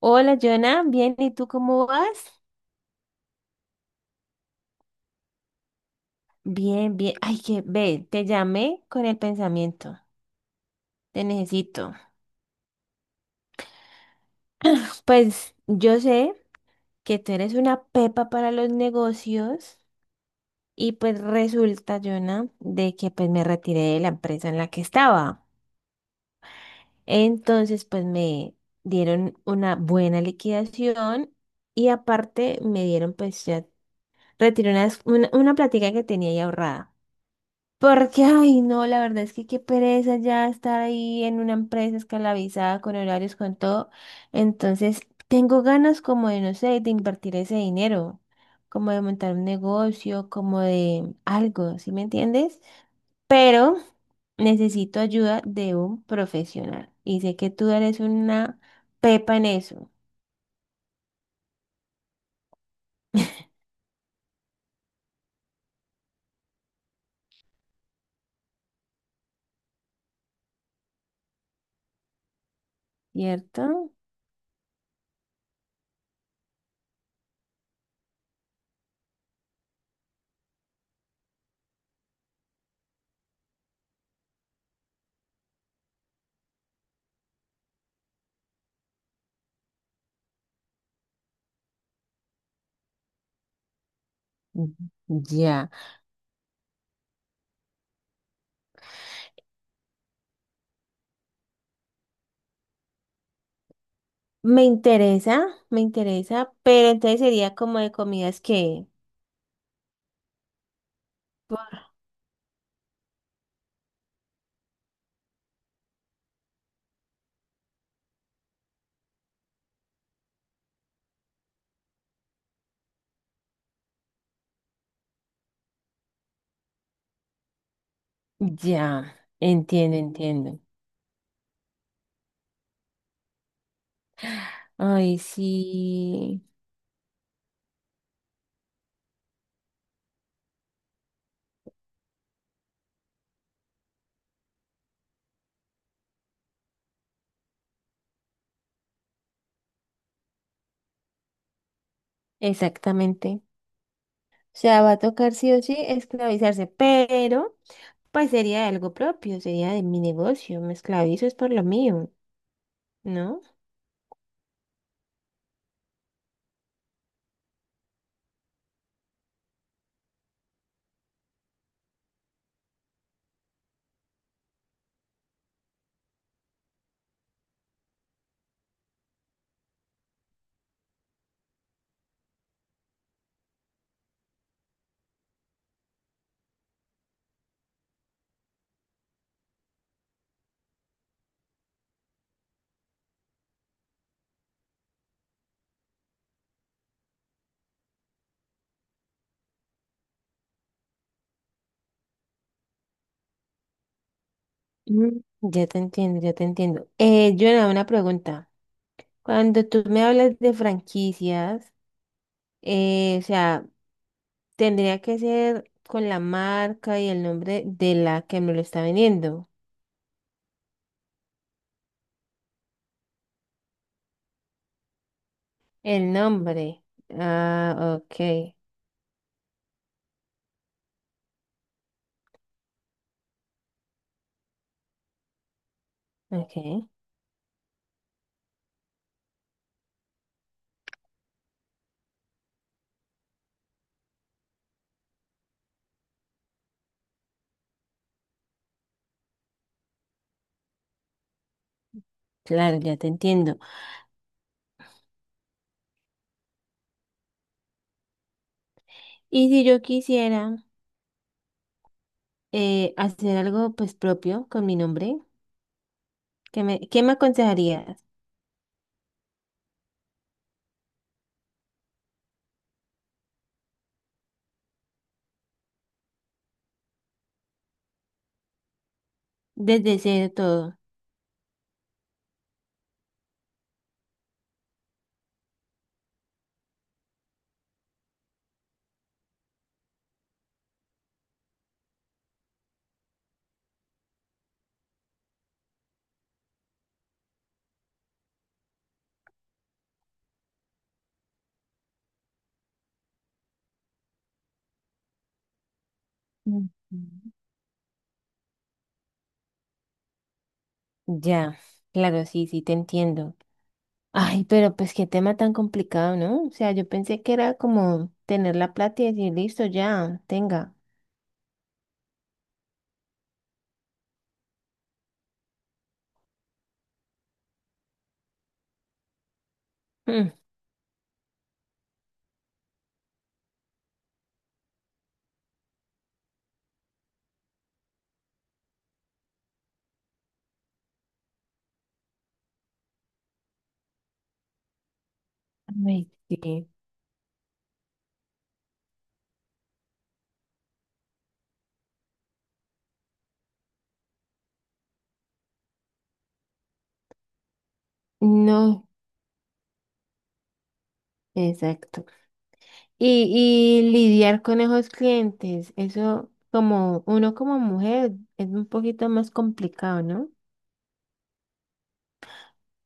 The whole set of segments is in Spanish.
Hola, Jonah, bien, ¿y tú cómo vas? Bien, bien. Ay, que ve, te llamé con el pensamiento. Te necesito. Pues yo sé que tú eres una pepa para los negocios y pues resulta, Jonah, de que pues me retiré de la empresa en la que estaba. Entonces, pues me dieron una buena liquidación y aparte me dieron pues ya retiré una plática que tenía ahí ahorrada. Porque, ay, no, la verdad es que qué pereza ya estar ahí en una empresa esclavizada con horarios, con todo. Entonces, tengo ganas como de, no sé, de invertir ese dinero, como de montar un negocio, como de algo, ¿sí me entiendes? Pero necesito ayuda de un profesional. Y sé que tú eres una pepa en eso, ¿cierto? Mm, ya. Me interesa, pero entonces sería como de comidas que. Ya, entiendo, entiendo. Ay, sí, exactamente. O sea, va a tocar sí o sí esclavizarse, pero pues sería algo propio, sería de mi negocio, me esclavizo es por lo mío, ¿no? Mm. Ya te entiendo, ya te entiendo. Jonah, una pregunta. Cuando tú me hablas de franquicias, o sea, tendría que ser con la marca y el nombre de la que me lo está vendiendo. El nombre. Ah, ok. Ok, claro, ya te entiendo. Y si yo quisiera hacer algo pues propio con mi nombre, ¿qué me aconsejarías? Desde cero todo. Ujú. Ya, claro, sí, sí, te entiendo. Ay, pero pues qué tema tan complicado, ¿no? O sea, yo pensé que era como tener la plata y decir, listo, ya, tenga. Mm, ay, sí. No, exacto. Y lidiar con esos clientes, eso como uno como mujer es un poquito más complicado, ¿no?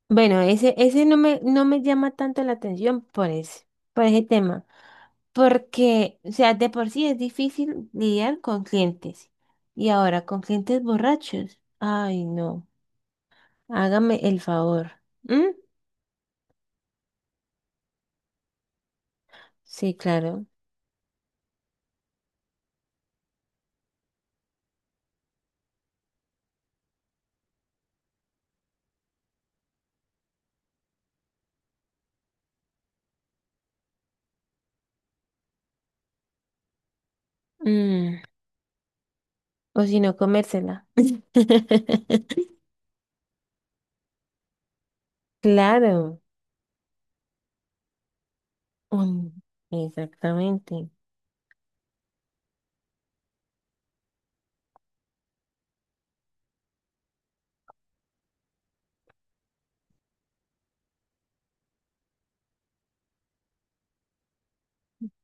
Bueno, ese no me, llama tanto la atención por ese tema, porque, o sea, de por sí es difícil lidiar con clientes. Y ahora con clientes borrachos. Ay, no, hágame el favor. ¿Mm? Sí, claro. Mm. O si no, comérsela. Claro. Mm, exactamente.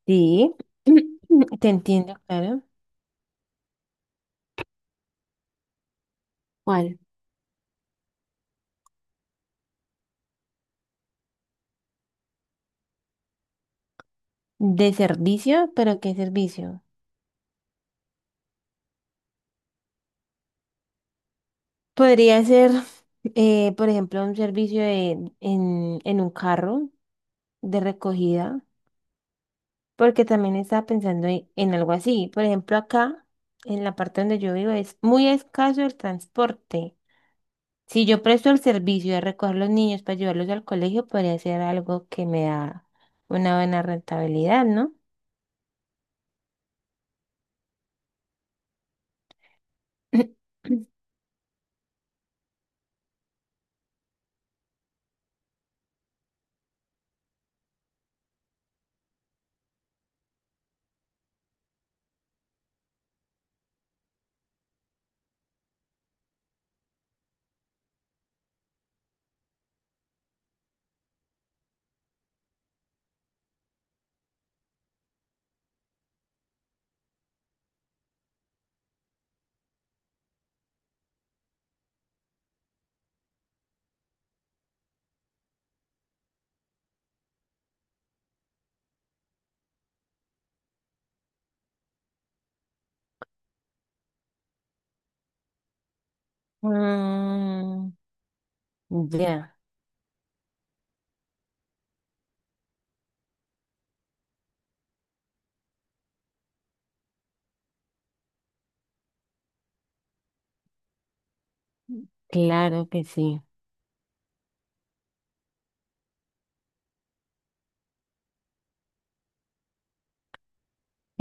Sí, te entiendo, claro. ¿Cuál? De servicio, pero ¿qué servicio? Podría ser, por ejemplo, en un carro de recogida, porque también estaba pensando en algo así. Por ejemplo, acá, en la parte donde yo vivo, es muy escaso el transporte. Si yo presto el servicio de recoger los niños para llevarlos al colegio, podría ser algo que me da una buena rentabilidad, ¿no? Ah, ya, claro que sí.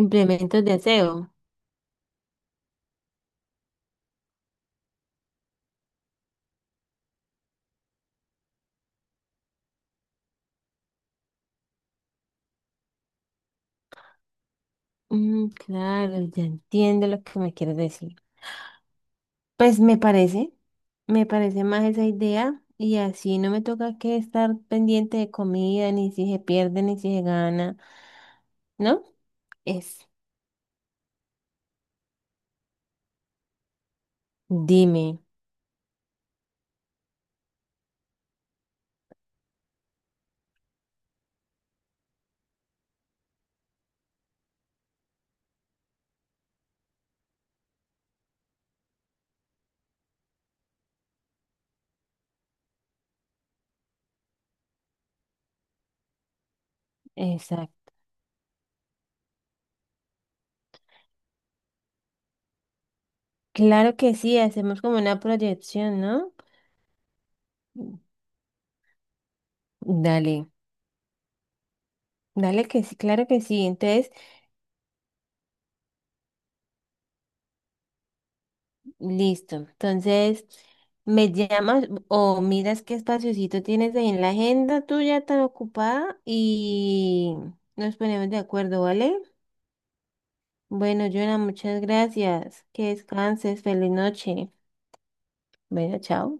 Implementos de aseo. Mm, claro, ya entiendo lo que me quieres decir. Pues me parece más esa idea y así no me toca que estar pendiente de comida, ni si se pierde, ni si se gana, ¿no? Es, dime, exacto. Claro que sí, hacemos como una proyección, ¿no? Dale, dale que sí, claro que sí. Entonces, listo. Entonces, me llamas o miras qué espaciocito tienes ahí en la agenda tuya tan ocupada y nos ponemos de acuerdo, ¿vale? Bueno, Joana, muchas gracias. Que descanses. Feliz noche. Bueno, chao.